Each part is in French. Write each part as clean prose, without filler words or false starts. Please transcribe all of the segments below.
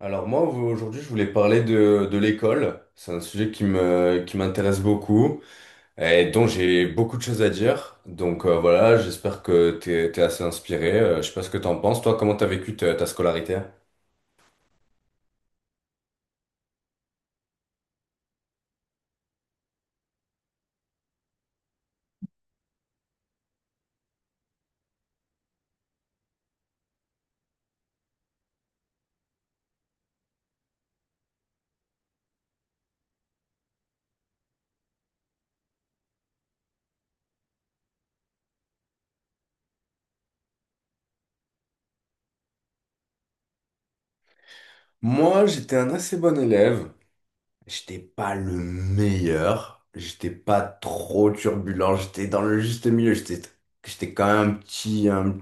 Alors moi aujourd'hui je voulais parler de l'école. C'est un sujet qui m'intéresse beaucoup et dont j'ai beaucoup de choses à dire. Donc voilà, j'espère que t'es assez inspiré. Je sais pas ce que t'en penses. Toi, comment t'as vécu ta scolarité? Moi, j'étais un assez bon élève. J'étais pas le meilleur. J'étais pas trop turbulent. J'étais dans le juste milieu. J'étais quand même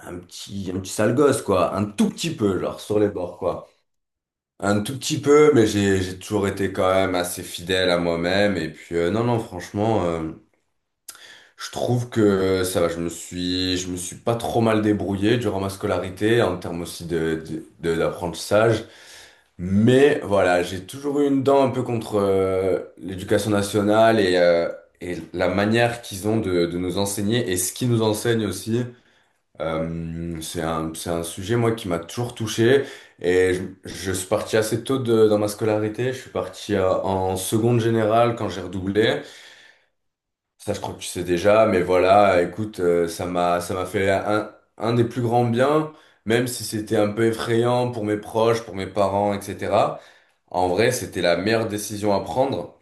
un petit sale gosse, quoi. Un tout petit peu, genre, sur les bords, quoi. Un tout petit peu, mais j'ai toujours été quand même assez fidèle à moi-même. Et puis non, non, franchement, je trouve que ça va. Je me suis pas trop mal débrouillé durant ma scolarité en termes aussi d'apprentissage. Mais voilà, j'ai toujours eu une dent un peu contre l'éducation nationale et la manière qu'ils ont de nous enseigner et ce qu'ils nous enseignent aussi. C'est c'est un sujet, moi, qui m'a toujours touché. Et je, je suis parti assez tôt dans ma scolarité. Je suis parti en seconde générale quand j'ai redoublé. Ça, je crois que tu sais déjà. Mais voilà, écoute, ça m'a fait un des plus grands biens, même si c'était un peu effrayant pour mes proches, pour mes parents, etc. En vrai, c'était la meilleure décision à prendre.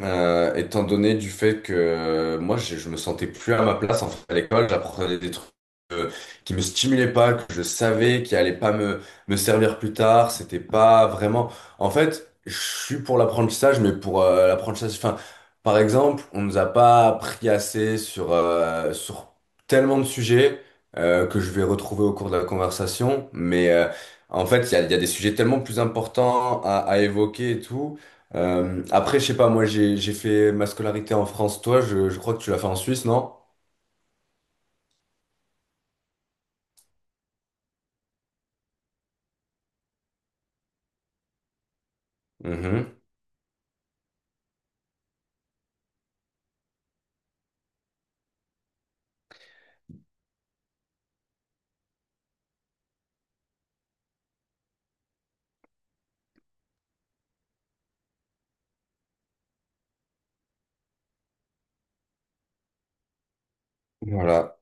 Étant donné du fait que je me sentais plus à ma place en fait, à l'école, j'apprenais des trucs euh, qui me stimulaient pas, que je savais qui allaient pas me servir plus tard, c'était pas vraiment. En fait, je suis pour l'apprentissage, mais pour l'apprentissage, enfin, par exemple, on nous a pas appris assez sur sur tellement de sujets que je vais retrouver au cours de la conversation, mais en fait, il y a des sujets tellement plus importants à évoquer et tout. Après, je sais pas, moi j'ai fait ma scolarité en France. Toi, je crois que tu l'as fait en Suisse, non? Mhm. Voilà.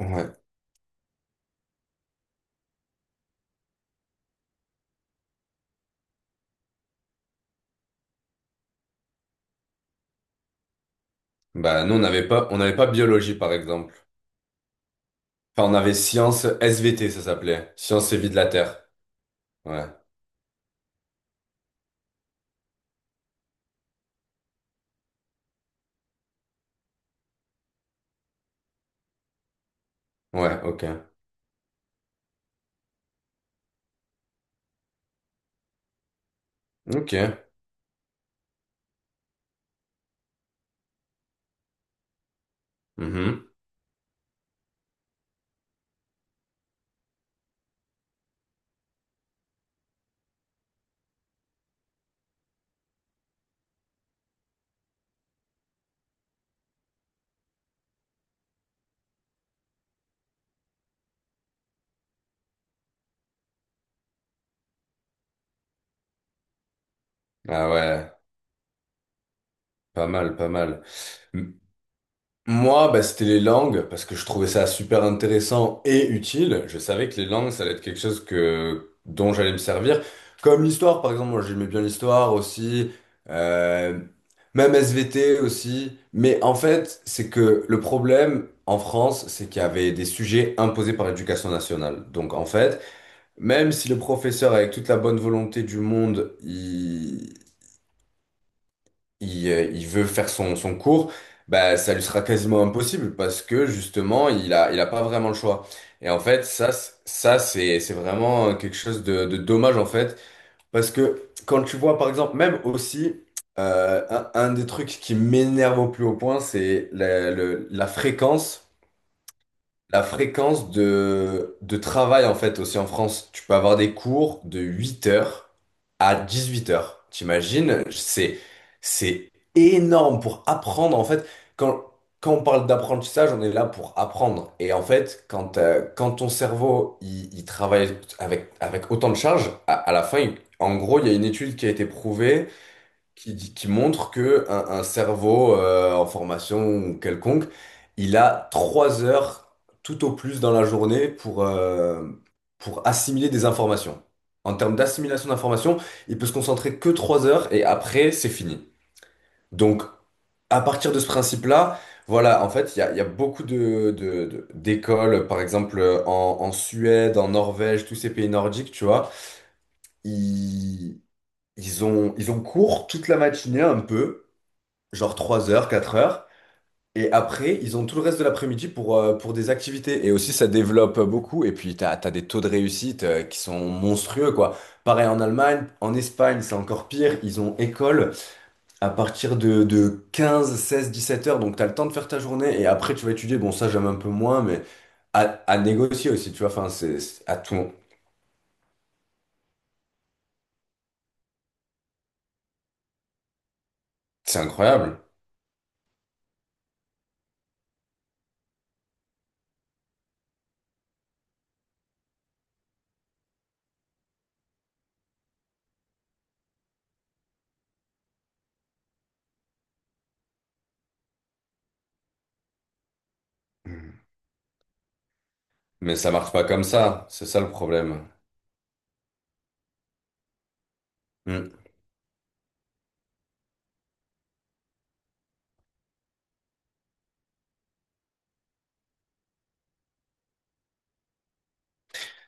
Ouais. Bah nous, on n'avait pas biologie, par exemple. Enfin, on avait sciences SVT, ça s'appelait. Sciences et vie de la Terre. Ouais. Ouais, ok. Ok. Mhm. Ah ouais, pas mal, pas mal. Moi, bah, c'était les langues, parce que je trouvais ça super intéressant et utile. Je savais que les langues, ça allait être quelque chose que, dont j'allais me servir. Comme l'histoire, par exemple, moi j'aimais bien l'histoire aussi, euh, même SVT aussi. Mais en fait, c'est que le problème en France, c'est qu'il y avait des sujets imposés par l'éducation nationale. Donc en fait, même si le professeur, avec toute la bonne volonté du monde, il veut faire son cours, bah, ça lui sera quasiment impossible parce que justement, il a pas vraiment le choix. Et en fait, ça, c'est vraiment quelque chose de dommage en fait. Parce que quand tu vois, par exemple, même aussi, un des trucs qui m'énerve au plus haut point, c'est la fréquence. La fréquence de travail, en fait, aussi en France, tu peux avoir des cours de 8 heures à 18 heures. T'imagines? C'est énorme pour apprendre. En fait, quand, quand on parle d'apprentissage, on est là pour apprendre. Et en fait, quand ton cerveau, il travaille avec, avec autant de charges, à la fin, en gros, il y a une étude qui a été prouvée qui montre que un cerveau en formation ou quelconque, il a 3 heures tout au plus dans la journée pour assimiler des informations. En termes d'assimilation d'informations, il peut se concentrer que 3 heures et après, c'est fini. Donc, à partir de ce principe-là, voilà, en fait, il y a beaucoup d'écoles, par exemple en Suède, en Norvège, tous ces pays nordiques, tu vois, ils, ils ont cours toute la matinée un peu genre 3 heures, 4 heures. Et après, ils ont tout le reste de l'après-midi pour des activités. Et aussi, ça développe beaucoup. Et puis, t'as des taux de réussite qui sont monstrueux, quoi. Pareil en Allemagne, en Espagne, c'est encore pire. Ils ont école à partir de 15, 16, 17 heures. Donc, t'as le temps de faire ta journée. Et après, tu vas étudier. Bon, ça, j'aime un peu moins, mais à négocier aussi, tu vois. Enfin, à tout. C'est incroyable. Mais ça marche pas comme ça, c'est ça le problème. Mm.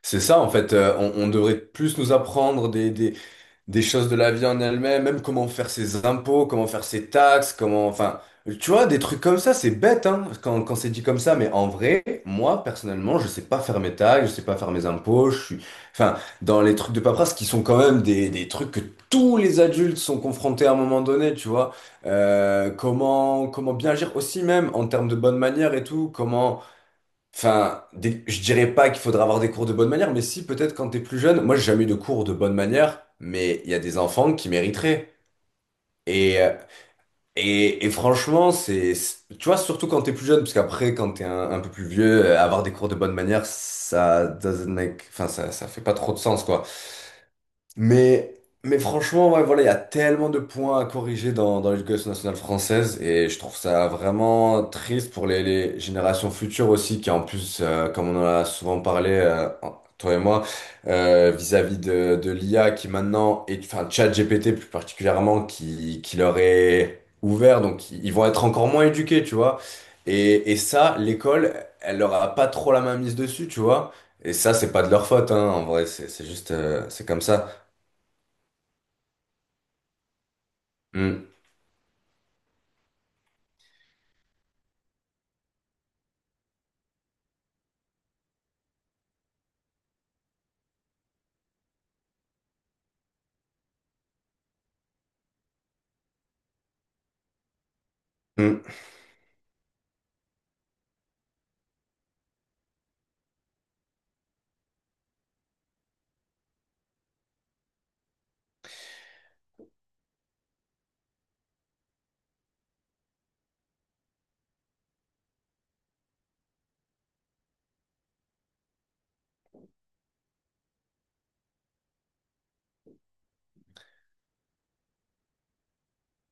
C'est ça en fait, on devrait plus nous apprendre des choses de la vie en elle-même, même comment faire ses impôts, comment faire ses taxes, comment, enfin, tu vois, des trucs comme ça, c'est bête, hein, quand c'est dit comme ça, mais en vrai, moi, personnellement, je sais pas faire mes taxes, je sais pas faire mes impôts, je suis, enfin, dans les trucs de paperasse qui sont quand même des trucs que tous les adultes sont confrontés à un moment donné, tu vois. Comment, comment bien agir aussi même en termes de bonne manière et tout, comment, enfin, je dirais pas qu'il faudra avoir des cours de bonne manière, mais si, peut-être quand t'es plus jeune. Moi, j'ai jamais eu de cours de bonne manière, mais il y a des enfants qui mériteraient. Et, euh, et franchement, tu vois, surtout quand t'es plus jeune, parce qu'après, quand t'es un peu plus vieux, avoir des cours de bonne manière, ça doesn't make- enfin, ça fait pas trop de sens, quoi. Mais, mais franchement, ouais, voilà, il y a tellement de points à corriger dans l'éducation nationale française et je trouve ça vraiment triste pour les générations futures aussi, qui en plus, comme on en a souvent parlé, toi et moi, vis-à-vis de l'IA qui maintenant, est, enfin ChatGPT plus particulièrement, qui leur est ouvert, donc ils vont être encore moins éduqués, tu vois. Et ça, l'école, elle leur a pas trop la main mise dessus, tu vois. Et ça, c'est pas de leur faute, hein, en vrai, c'est juste, c'est comme ça. Mm, mm.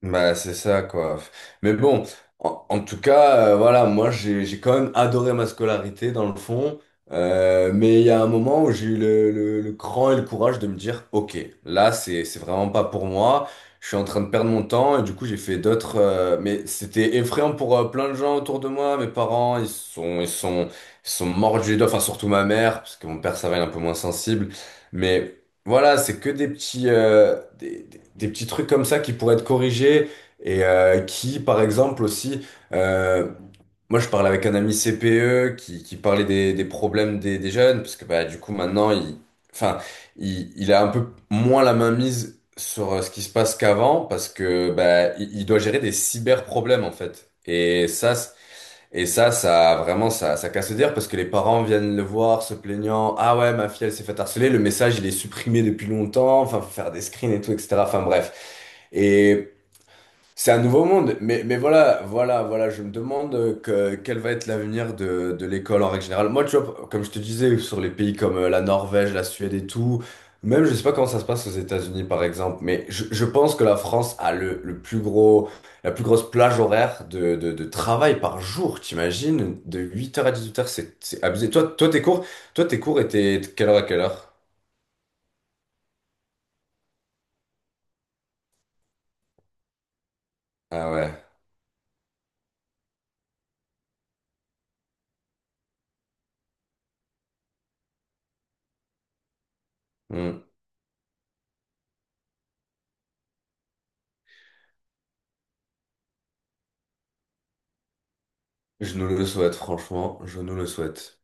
Bah, c'est ça, quoi. Mais bon, en tout cas, voilà, moi, j'ai quand même adoré ma scolarité, dans le fond. Mais il y a un moment où j'ai eu le cran et le courage de me dire, OK, là, c'est vraiment pas pour moi. Je suis en train de perdre mon temps. Et du coup, j'ai fait d'autres... mais c'était effrayant pour plein de gens autour de moi. Mes parents, ils sont mordus du doigt. Enfin, surtout ma mère, parce que mon père, ça va, il est un peu moins sensible. Mais... Voilà, c'est que des petits, des petits trucs comme ça qui pourraient être corrigés et qui, par exemple, aussi, euh, moi je parlais avec un ami CPE qui parlait des problèmes des jeunes, parce que bah, du coup maintenant, enfin, il a un peu moins la main mise sur ce qui se passe qu'avant, parce que bah, il doit gérer des cyber problèmes en fait. Et ça, ça vraiment, ça casse le dire parce que les parents viennent le voir se plaignant. Ah ouais, ma fille, elle s'est fait harceler. Le message, il est supprimé depuis longtemps. Enfin, faut faire des screens et tout, etc. Enfin, bref. Et c'est un nouveau monde, mais voilà, voilà, voilà, je me demande quel va être l'avenir de l'école en règle générale. Moi, tu vois, comme je te disais, sur les pays comme la Norvège, la Suède et tout, même je sais pas comment ça se passe aux États-Unis par exemple, mais je pense que la France a le plus gros, la plus grosse plage horaire de travail par jour, t'imagines? De huit heures à 18h, c'est abusé. Toi, tes cours étaient de quelle heure à quelle heure? Ah ouais. Hmm. Je nous le souhaite, franchement, je nous le souhaite.